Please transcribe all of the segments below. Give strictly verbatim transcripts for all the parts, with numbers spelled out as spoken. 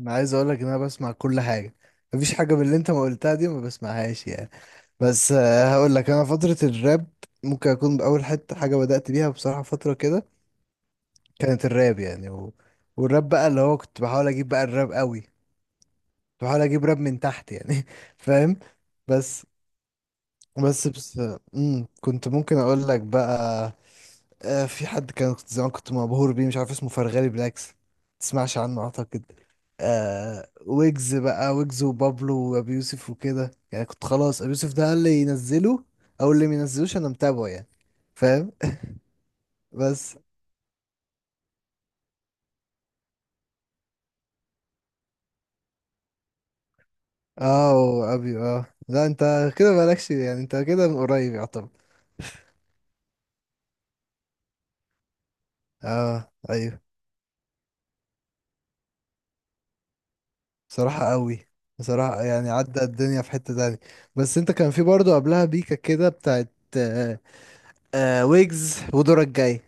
انا عايز اقول لك ان انا بسمع كل حاجه. مفيش حاجه من اللي انت ما قلتها دي ما بسمعهاش يعني. بس آه، هقول لك انا فتره الراب ممكن اكون باول حته حاجه بدات بيها بصراحه. فتره كده كانت الراب يعني و... والراب بقى اللي هو كنت بحاول اجيب بقى الراب قوي، كنت بحاول اجيب راب من تحت يعني. فاهم؟ بس بس بس مم. كنت ممكن اقول لك بقى آه، في حد كان، كنت زمان كنت مبهور بيه مش عارف اسمه، فرغالي، بالعكس تسمعش عنه اعتقد. آه، ويجز بقى، ويجز وبابلو وابي يوسف وكده يعني. كنت خلاص ابي يوسف ده اللي ينزله او اللي ما ينزلوش انا متابعه يعني. فاهم؟ بس. اه وابي، اه لا انت كده مالكش يعني، انت كده من قريب يعتبر. اه ايوه. بصراحة قوي، بصراحة يعني عدى الدنيا في حتة تانية. بس انت كان في برضه قبلها بيكا كده بتاعت، آه آه ويجز ودورك جاي.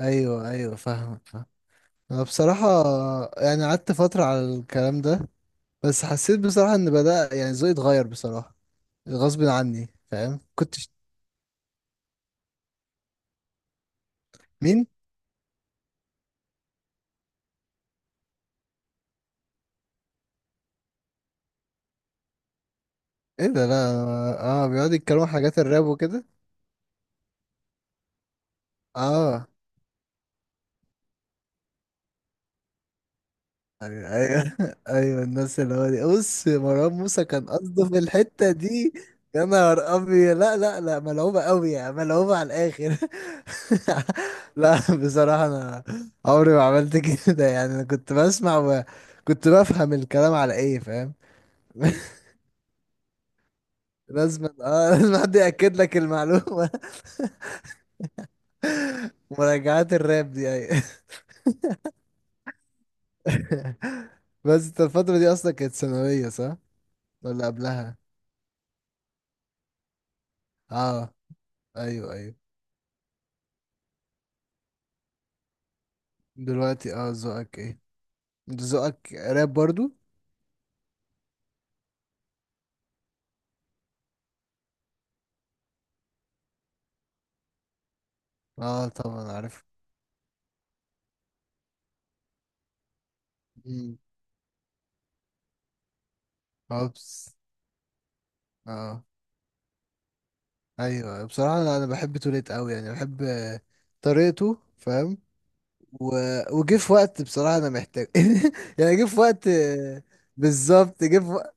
ايوه ايوه فاهم فاهم. انا بصراحه يعني قعدت فتره على الكلام ده. بس حسيت بصراحه ان بدا يعني ذوقي اتغير بصراحه، غصب عني. فاهم؟ كنت مين؟ ايه ده؟ لا. اه، بيقعد يتكلموا عن حاجات الراب وكده. اه ايوه ايوه. ايوه الناس اللي هو دي. بص، مروان موسى كان قصده في الحته دي. يا نهار ابيض، لا لا لا ملعوبه قوي يعني، ملعوبه على الاخر. لا بصراحه انا عمري ما عملت كده يعني. انا كنت بسمع وكنت بفهم الكلام على ايه، فاهم؟ لازم، اه لازم حد ياكد لك المعلومه. مراجعات الراب دي، ايوه. بس انت الفتره دي اصلا كانت ثانويه، صح ولا قبلها؟ اه ايوه ايوه. دلوقتي اه ذوقك ايه؟ انت ذوقك راب برضو؟ اه طبعا عارف. مم. هوبس اه ايوه. بصراحه انا، أنا بحب توليت قوي يعني، بحب آه، طريقته فاهم و... وجه في وقت بصراحه انا محتاج. يعني جه في وقت، آه، بالظبط جه في وقت.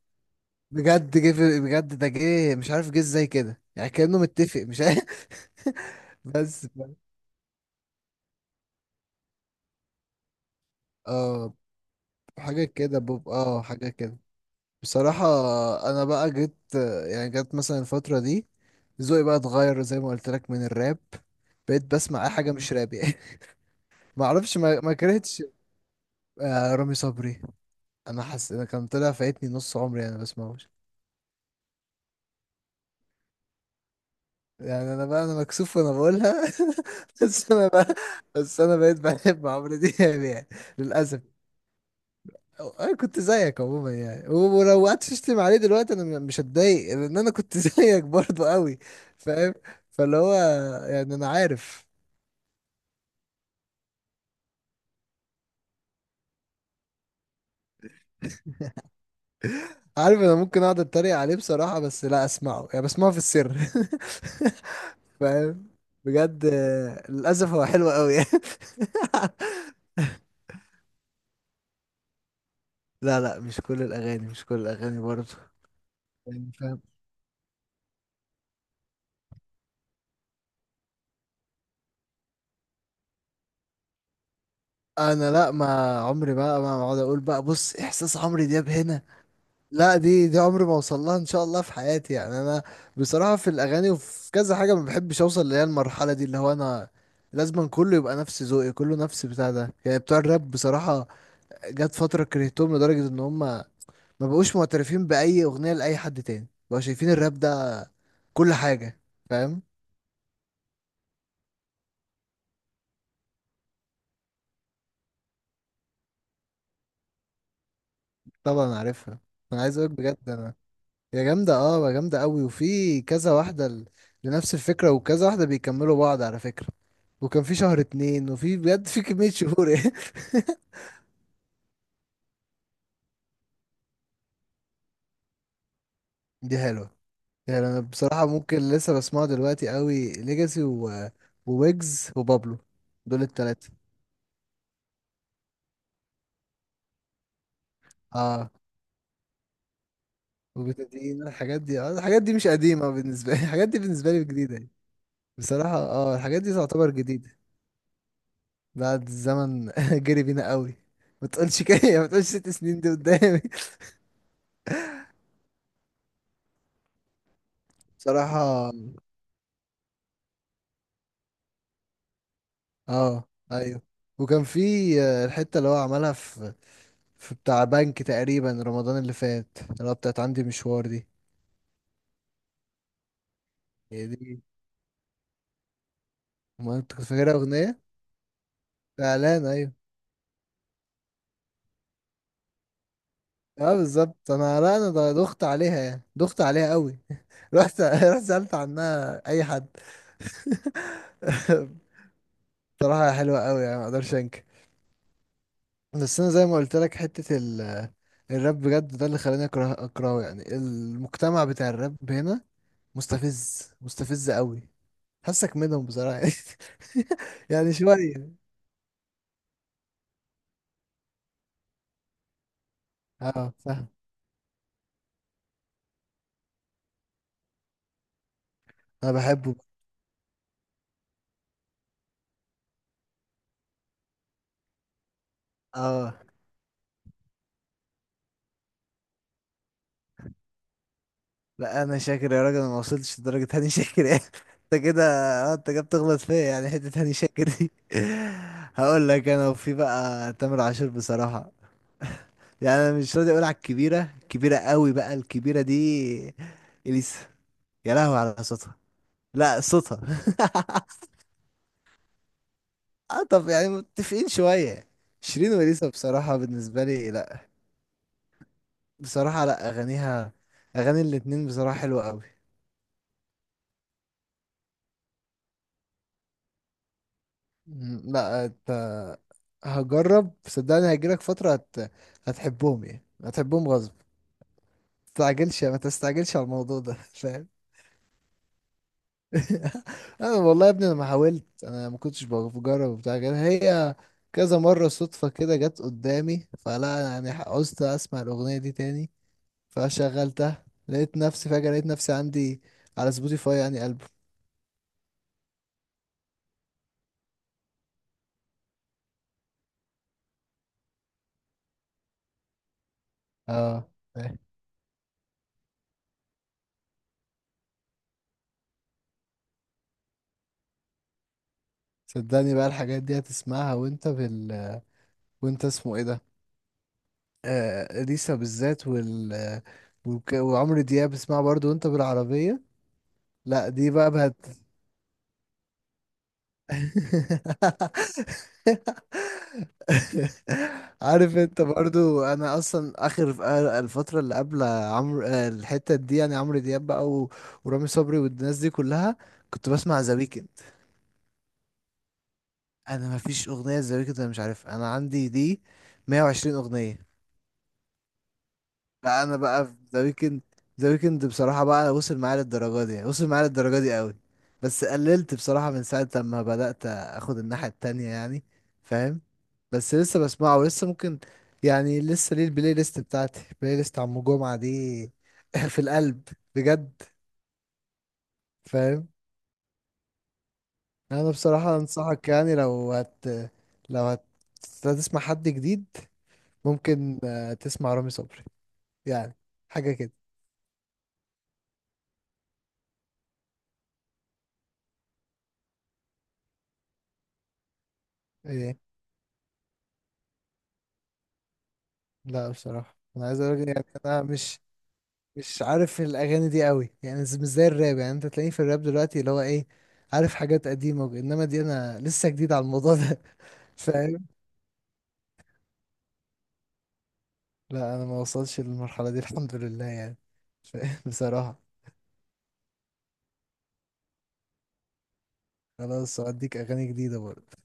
بجد جه في، بجد ده جه مش عارف جه ازاي كده يعني، كانه متفق مش عارف. بس ف- اه حاجه كده بوب، اه حاجه كده. بصراحة، أنا بقى جيت يعني، جت مثلا الفترة دي ذوقي بقى اتغير زي ما قلت لك من الراب. بقيت بسمع أي حاجة مش راب يعني. ما أعرفش ما, ما كرهتش. آه، رامي صبري، أنا حاسس أنا كان طلع فايتني نص عمري أنا بسمعوش يعني. أنا بقى أنا مكسوف وأنا بقولها. بس أنا بقى، بس أنا بقيت بحب عمرو دياب يعني، للأسف. انا كنت زيك عموما يعني، و- ولو قعدت تشتم عليه دلوقتي انا مش هتضايق، لان انا كنت زيك برضه قوي. فاهم؟ فاللي هو يعني انا عارف، عارف. انا ممكن اقعد اتريق عليه بصراحة بس لا اسمعه يعني، بسمعه في السر. فاهم؟ بجد آه، للاسف هو حلو قوي. لا لا، مش كل الاغاني، مش كل الاغاني برضه يعني. فاهم؟ انا لا، ما عمري بقى ما اقعد اقول بقى بص احساس عمرو دياب هنا. لا، دي دي عمري ما اوصل لها ان شاء الله في حياتي يعني. انا بصراحه في الاغاني وفي كذا حاجه ما بحبش اوصل اللي هي المرحله دي، اللي هو انا لازم كله يبقى نفس ذوقي، كله نفس بتاع ده يعني، بتوع الراب بصراحه. جت فتره كرهتهم لدرجه ان هم ما بقوش معترفين باي اغنيه لاي حد تاني، بقوا شايفين الراب ده كل حاجه. فاهم؟ طبعا عارفها. انا عايز اقولك بجد، انا هي جامدة اه، هي جامدة قوي. وفي كذا واحدة ل- لنفس الفكرة، وكذا واحدة بيكملوا بعض على فكرة. وكان في شهر اتنين، وفي بجد في كمية شهور. دي حلوة. يعني انا بصراحة ممكن لسه بسمعه دلوقتي قوي، ليجاسي و... وويجز وبابلو، دول التلاتة. اه وبتدين الحاجات دي، اه الحاجات دي مش قديمة بالنسبة لي. الحاجات دي بالنسبة لي جديدة يعني. بصراحة اه، الحاجات دي تعتبر جديدة. بعد الزمن جري بينا قوي. ما تقولش كده، ما تقولش ست سنين دي قدامي. صراحة اه ايوه. وكان في آه، الحتة اللي هو عملها في، في بتاع بنك تقريبا رمضان اللي فات، اللي هو بتاعت عندي مشوار دي. هي دي، ما انت كنت فاكرها اغنية. اعلان ايوه. اه بالظبط. انا لا انا ض- دخت عليها يعني، دخت عليها قوي. رحت، رحت سألت عنها اي حد. بصراحة حلوة قوي يعني، ما اقدرش انكر. بس انا زي ما قلت لك حته ال الراب بجد ده اللي خلاني اكره، اكرهه يعني. المجتمع بتاع الراب هنا مستفز، مستفز قوي. حاسك منهم بصراحه. يعني يعني شويه اه فاهم. انا بحبه اه. لا انا شاكر يا راجل، انا ما وصلتش لدرجه هاني شاكر يعني. انت كده، اه انت كده بتغلط فيا يعني. حته هاني شاكر دي هقول لك انا. وفي بقى تامر عاشور بصراحه يعني، انا مش راضي اقول على الكبيره، الكبيره قوي بقى، الكبيره دي اليسا. يا لهوي على صوتها، لا صوتها. اه طب يعني متفقين شوية. شيرين وليسا بصراحة بالنسبة لي لا، بصراحة لا، أغانيها، أغاني الاتنين بصراحة حلوة أوي. مم، لا أنت هجرب صدقني، هيجيلك فترة هت... هتحبهم يعني، هتحبهم غصب. متستعجلش، ما تستعجلش على الموضوع ده. فاهم؟ انا والله يا ابني انا ما حاولت، انا ما كنتش بجرب وبتاع كده. هي كذا مرة صدفة كده جت قدامي، فلا انا يعني عوزت اسمع الاغنية دي تاني فشغلتها، لقيت نفسي فجأة، لقيت نفسي عندي على سبوتيفاي يعني ألبوم. اه إيه. صدقني بقى الحاجات دي هتسمعها وانت بال، وانت اسمه ايه ده، آه اليسا بالذات وال، وك- وعمرو دياب اسمعها برضو وانت بالعربية. لا دي بقى. عارف انت برضو، انا اصلا اخر ف- الفتره اللي قبل عمرو آه، الحته دي يعني عمرو دياب بقى و- ورامي صبري والناس دي كلها، كنت بسمع ذا ويكند. انا ما فيش اغنيه ذا ويكند انا مش عارف، انا عندي دي مية وعشرين اغنيه. لا انا بقى في ذا ويكند. ذا ويكند بصراحه بقى وصل معايا للدرجه دي، وصل معايا للدرجه دي قوي. بس قللت بصراحه من ساعه لما بدات اخد الناحيه التانية يعني. فاهم؟ بس لسه بسمعه ولسه ممكن يعني. لسه ليه البلاي ليست بتاعتي، البلاي ليست عم جمعه دي في القلب، بجد. فاهم؟ انا بصراحه انصحك يعني، لو هت لو هت هتسمع حد جديد ممكن آه، تسمع رامي صبري يعني، حاجه كده. لا بصراحة انا عايز اقول يعني انا مش، مش عارف الاغاني دي قوي يعني، ز- مش زي الراب يعني. انت تلاقيني في الراب دلوقتي اللي هو ايه، عارف حاجات قديمة، وج- انما دي انا لسه جديد على الموضوع ده. فاهم؟ لا انا ما وصلش للمرحلة دي الحمد لله يعني. فاهم؟ بصراحة خلاص، هديك اغاني جديدة برضه.